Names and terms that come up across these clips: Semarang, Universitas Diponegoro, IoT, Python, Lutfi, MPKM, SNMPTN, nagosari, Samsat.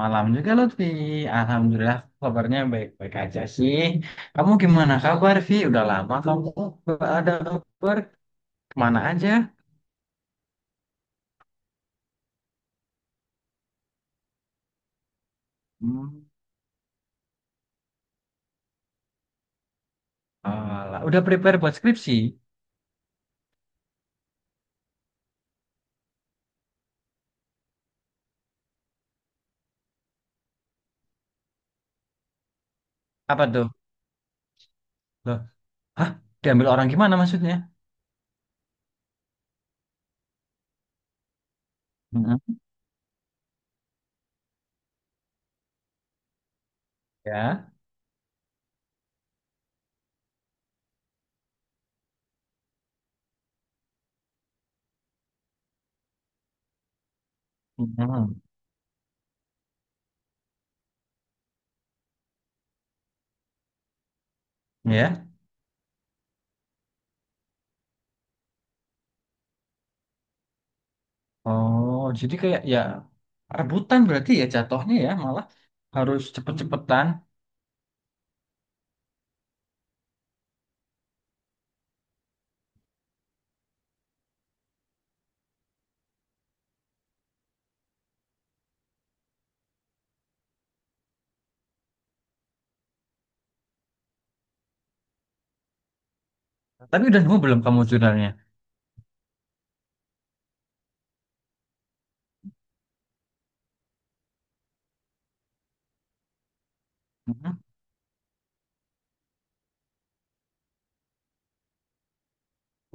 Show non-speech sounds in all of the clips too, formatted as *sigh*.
Malam juga Lutfi. Alhamdulillah kabarnya baik-baik aja sih. Kamu gimana kabar, Vi? Udah lama kamu nggak ada kabar. Kemana aja? Hmm, alah. Udah prepare buat skripsi? Apa tuh? Loh, hah? Diambil orang gimana maksudnya? Mm-mm. Ya. Mm-mm. Ya. Oh, jadi kayak ya rebutan berarti ya jatuhnya ya malah harus cepet-cepetan. Tapi udah nemu belum kamu jurnalnya? Mm-mm.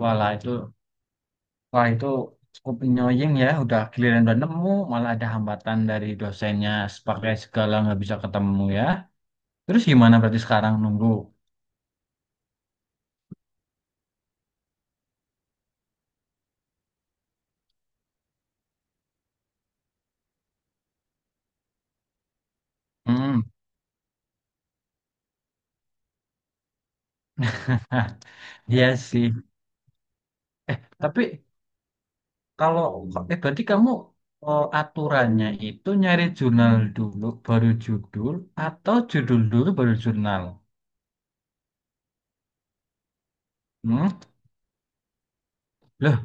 Walah itu Wah itu cukup annoying ya, udah giliran udah nemu, malah ada hambatan dari dosennya sebagai segala nggak bisa ketemu ya. Terus gimana berarti sekarang nunggu? Hmm, *laughs* iya sih. Eh, tapi kalau eh berarti kamu eh, aturannya itu nyari jurnal dulu baru judul atau judul dulu baru jurnal? Hmm? Loh,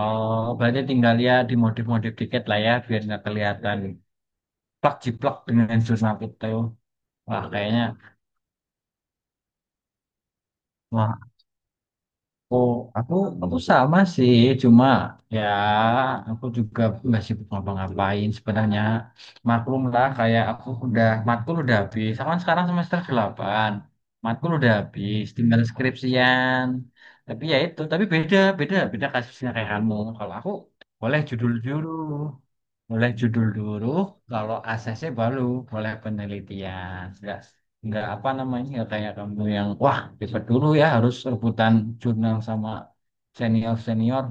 oh berarti tinggal ya dimodif-modif dikit lah ya biar nggak kelihatan plak jiplak dengan jurnal itu. Wah, kayaknya Wah, aku, aku, aku sama sih, cuma ya aku juga masih ngapa-ngapain sebenarnya. Maklum lah, kayak aku udah, matkul udah habis. Aku kan sekarang semester 8. Matkul udah habis, tinggal skripsian. Tapi ya itu, tapi beda, beda, beda kasusnya kayak kamu. Kalau aku boleh judul dulu, boleh judul dulu, kalau asesnya baru boleh penelitian. Enggak, nggak apa namanya, nggak kayak kamu yang wah ribet dulu ya harus rebutan jurnal sama senior senior.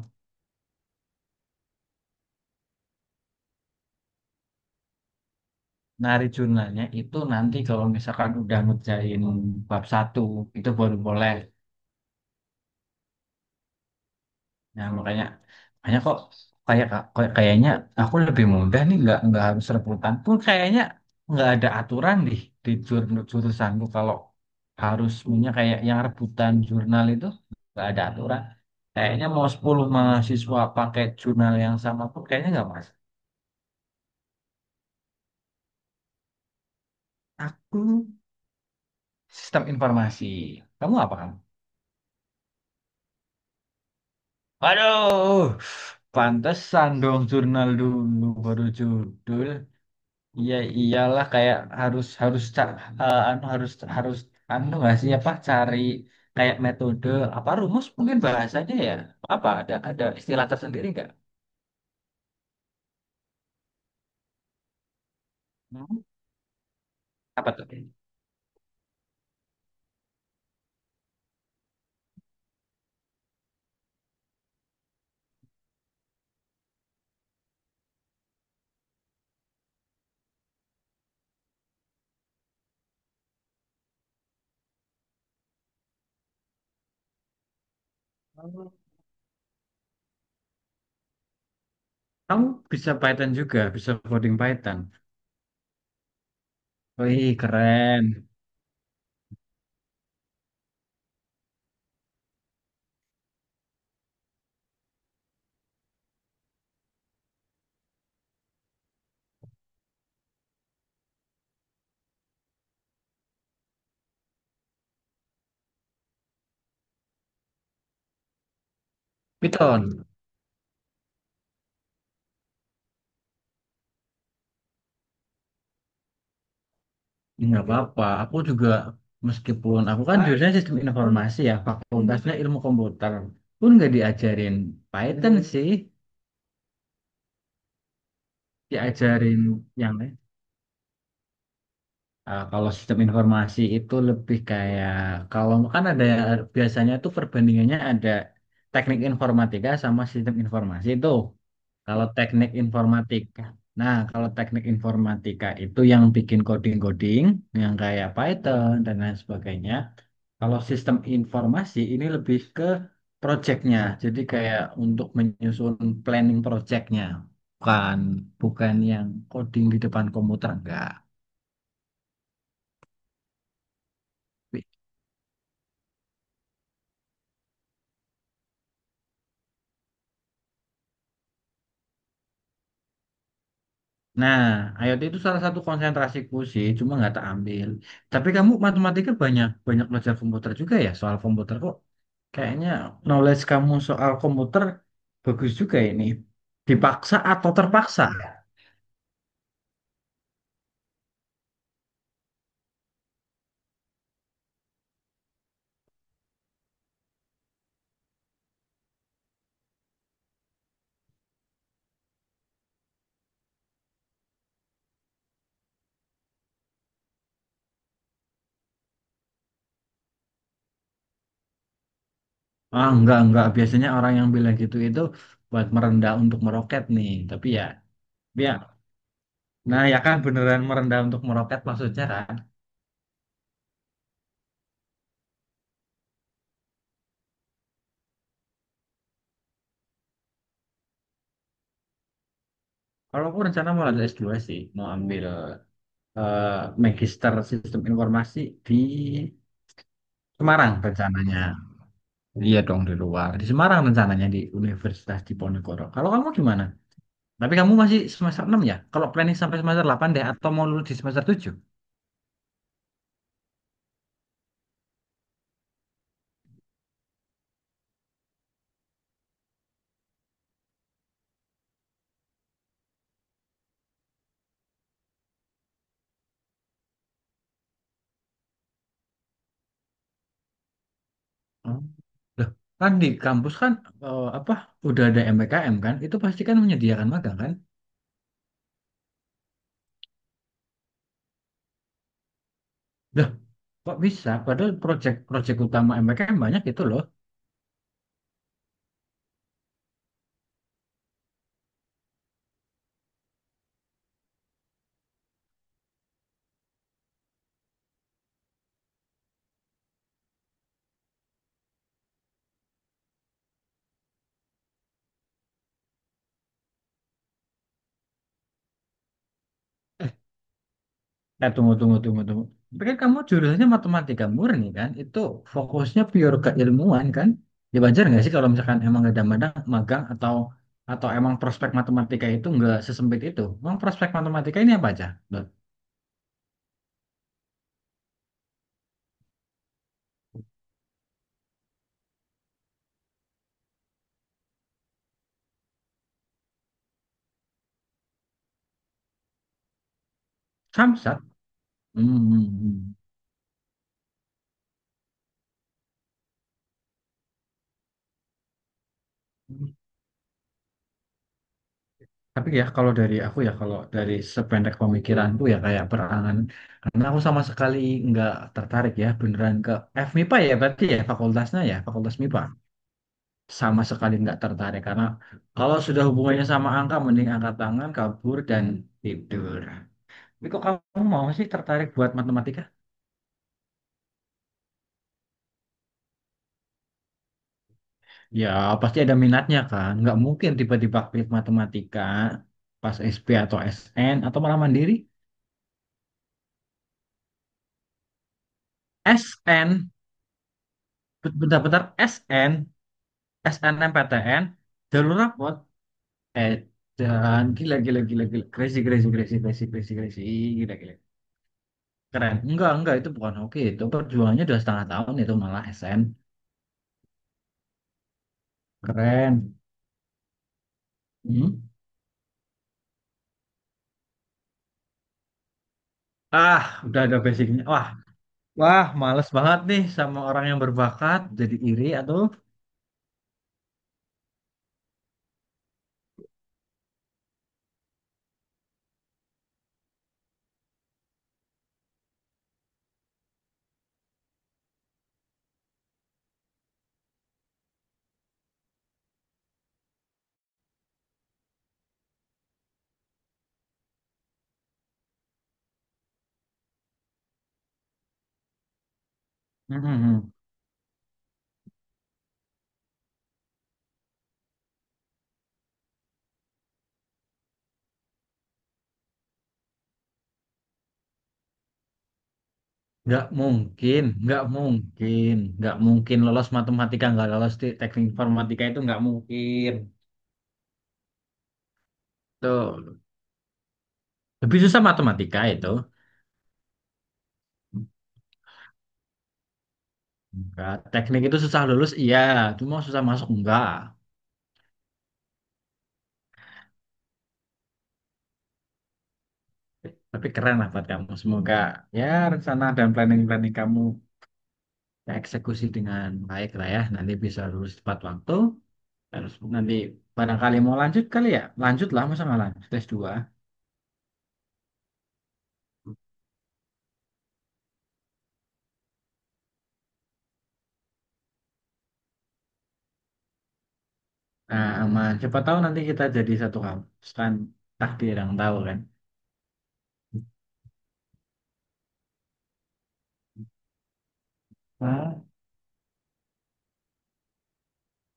Nari jurnalnya itu nanti kalau misalkan udah ngerjain bab satu itu baru boleh. Nah, makanya makanya kok kayak kayak kayaknya aku lebih mudah nih nggak harus rebutan pun kayaknya nggak ada aturan deh di jurusanku kalau harus punya kayak yang rebutan jurnal itu nggak ada aturan. Kayaknya mau 10 mahasiswa pakai jurnal yang sama pun kayaknya nggak masuk. Aku sistem informasi. Kamu apa kamu? Waduh, pantesan dong jurnal dulu baru judul. Iya iyalah kayak harus harus eh, anu harus harus anu nggak sih apa cari kayak metode apa rumus mungkin bahasanya ya apa ada istilah tersendiri nggak? Hmm? Apa tuh? Kamu kamu bisa Python juga, bisa coding Python. Wih keren. Python, nggak apa-apa. Aku juga meskipun aku kan jurusannya sistem informasi ya, fakultasnya ilmu komputer, pun nggak diajarin Python sih, diajarin yang lain. Kalau sistem informasi itu lebih kayak kalau kan ada biasanya tuh perbandingannya ada teknik informatika sama sistem informasi itu. Kalau teknik informatika, nah, kalau teknik informatika itu yang bikin coding-coding yang kayak Python dan lain sebagainya. Kalau sistem informasi ini lebih ke projectnya, jadi kayak untuk menyusun planning projectnya, bukan bukan yang coding di depan komputer enggak. Nah, IoT itu salah satu konsentrasiku sih, cuma nggak tak ambil. Tapi kamu matematika banyak banyak belajar komputer juga ya soal komputer kok. Kayaknya knowledge kamu soal komputer bagus juga ini. Dipaksa atau terpaksa? Ah, enggak, enggak. Biasanya orang yang bilang gitu itu buat merendah untuk meroket nih. Tapi ya, ya. Nah, ya kan beneran merendah untuk meroket maksudnya kan. Kalau aku rencana mau lanjut S2 sih, mau ambil eh, magister sistem informasi di Semarang rencananya. Iya dong di luar. Di Semarang rencananya di Universitas Diponegoro. Kalau kamu gimana? Tapi kamu masih semester 6 ya? Kalau planning sampai semester 8 deh atau mau lulus di semester 7. Oh. Loh, kan di kampus kan eh, apa udah ada MPKM kan? Itu pasti kan menyediakan magang kan? Loh, kok bisa? Padahal proyek-proyek utama MPKM banyak itu loh. Eh, tunggu, tunggu, tunggu, tunggu. Tapi kan kamu jurusannya matematika murni kan? Itu fokusnya pure keilmuan kan? Ya, Dibajar nggak sih kalau misalkan emang nggak ada magang atau emang prospek matematika itu nggak sesempit itu? Emang prospek matematika ini apa aja? Loh, Samsat. Hmm. Hmm, hmm. Tapi ya kalau dari aku ya kalau dari sependek pemikiranku ya kayak perangan karena aku sama sekali nggak tertarik ya beneran ke FMIPA ya berarti ya fakultasnya ya fakultas MIPA. Sama sekali nggak tertarik karena kalau sudah hubungannya sama angka mending angkat tangan kabur dan tidur. Tapi kok kamu mau sih tertarik buat matematika? Ya pasti ada minatnya kan, nggak mungkin tiba-tiba klik matematika pas SP atau SN atau malah mandiri. SN, bentar-bentar SN, SNMPTN, jalur rapot, eh dan gila gila gila gila crazy crazy crazy crazy crazy crazy gila gila. Keren. Enggak, enggak. Itu bukan hoki. Itu perjuangannya udah setengah tahun itu malah SM. Keren. Hmm? Ah, udah ada basicnya. Wah, wah, males banget nih sama orang yang berbakat. Jadi iri atau. Mm-mm. Nggak mungkin, nggak mungkin, nggak mungkin lolos matematika, nggak lolos di teknik informatika itu nggak mungkin. Tuh, lebih susah matematika itu. Enggak. Teknik itu susah lulus, iya. Cuma susah masuk, enggak. Tapi keren lah buat kamu. Semoga ya rencana dan planning-planning kamu eksekusi dengan baik lah ya. Nanti bisa lulus tepat waktu. Terus nanti barangkali mau lanjut kali ya. Lanjut lah, masa nggak lanjut S2. Nah, aman. Siapa tahu nanti kita jadi satu kampus kan. Takdir yang tahu kan. Ah,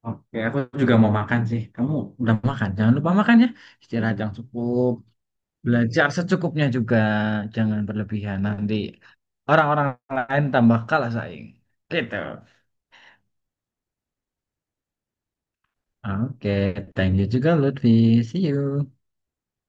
oke, aku juga mau makan sih. Kamu udah makan? Jangan lupa makan ya. Istirahat yang cukup. Belajar secukupnya juga. Jangan berlebihan. Nanti orang-orang lain tambah kalah saing. Gitu. Oke, thank you juga Lutfi. See you.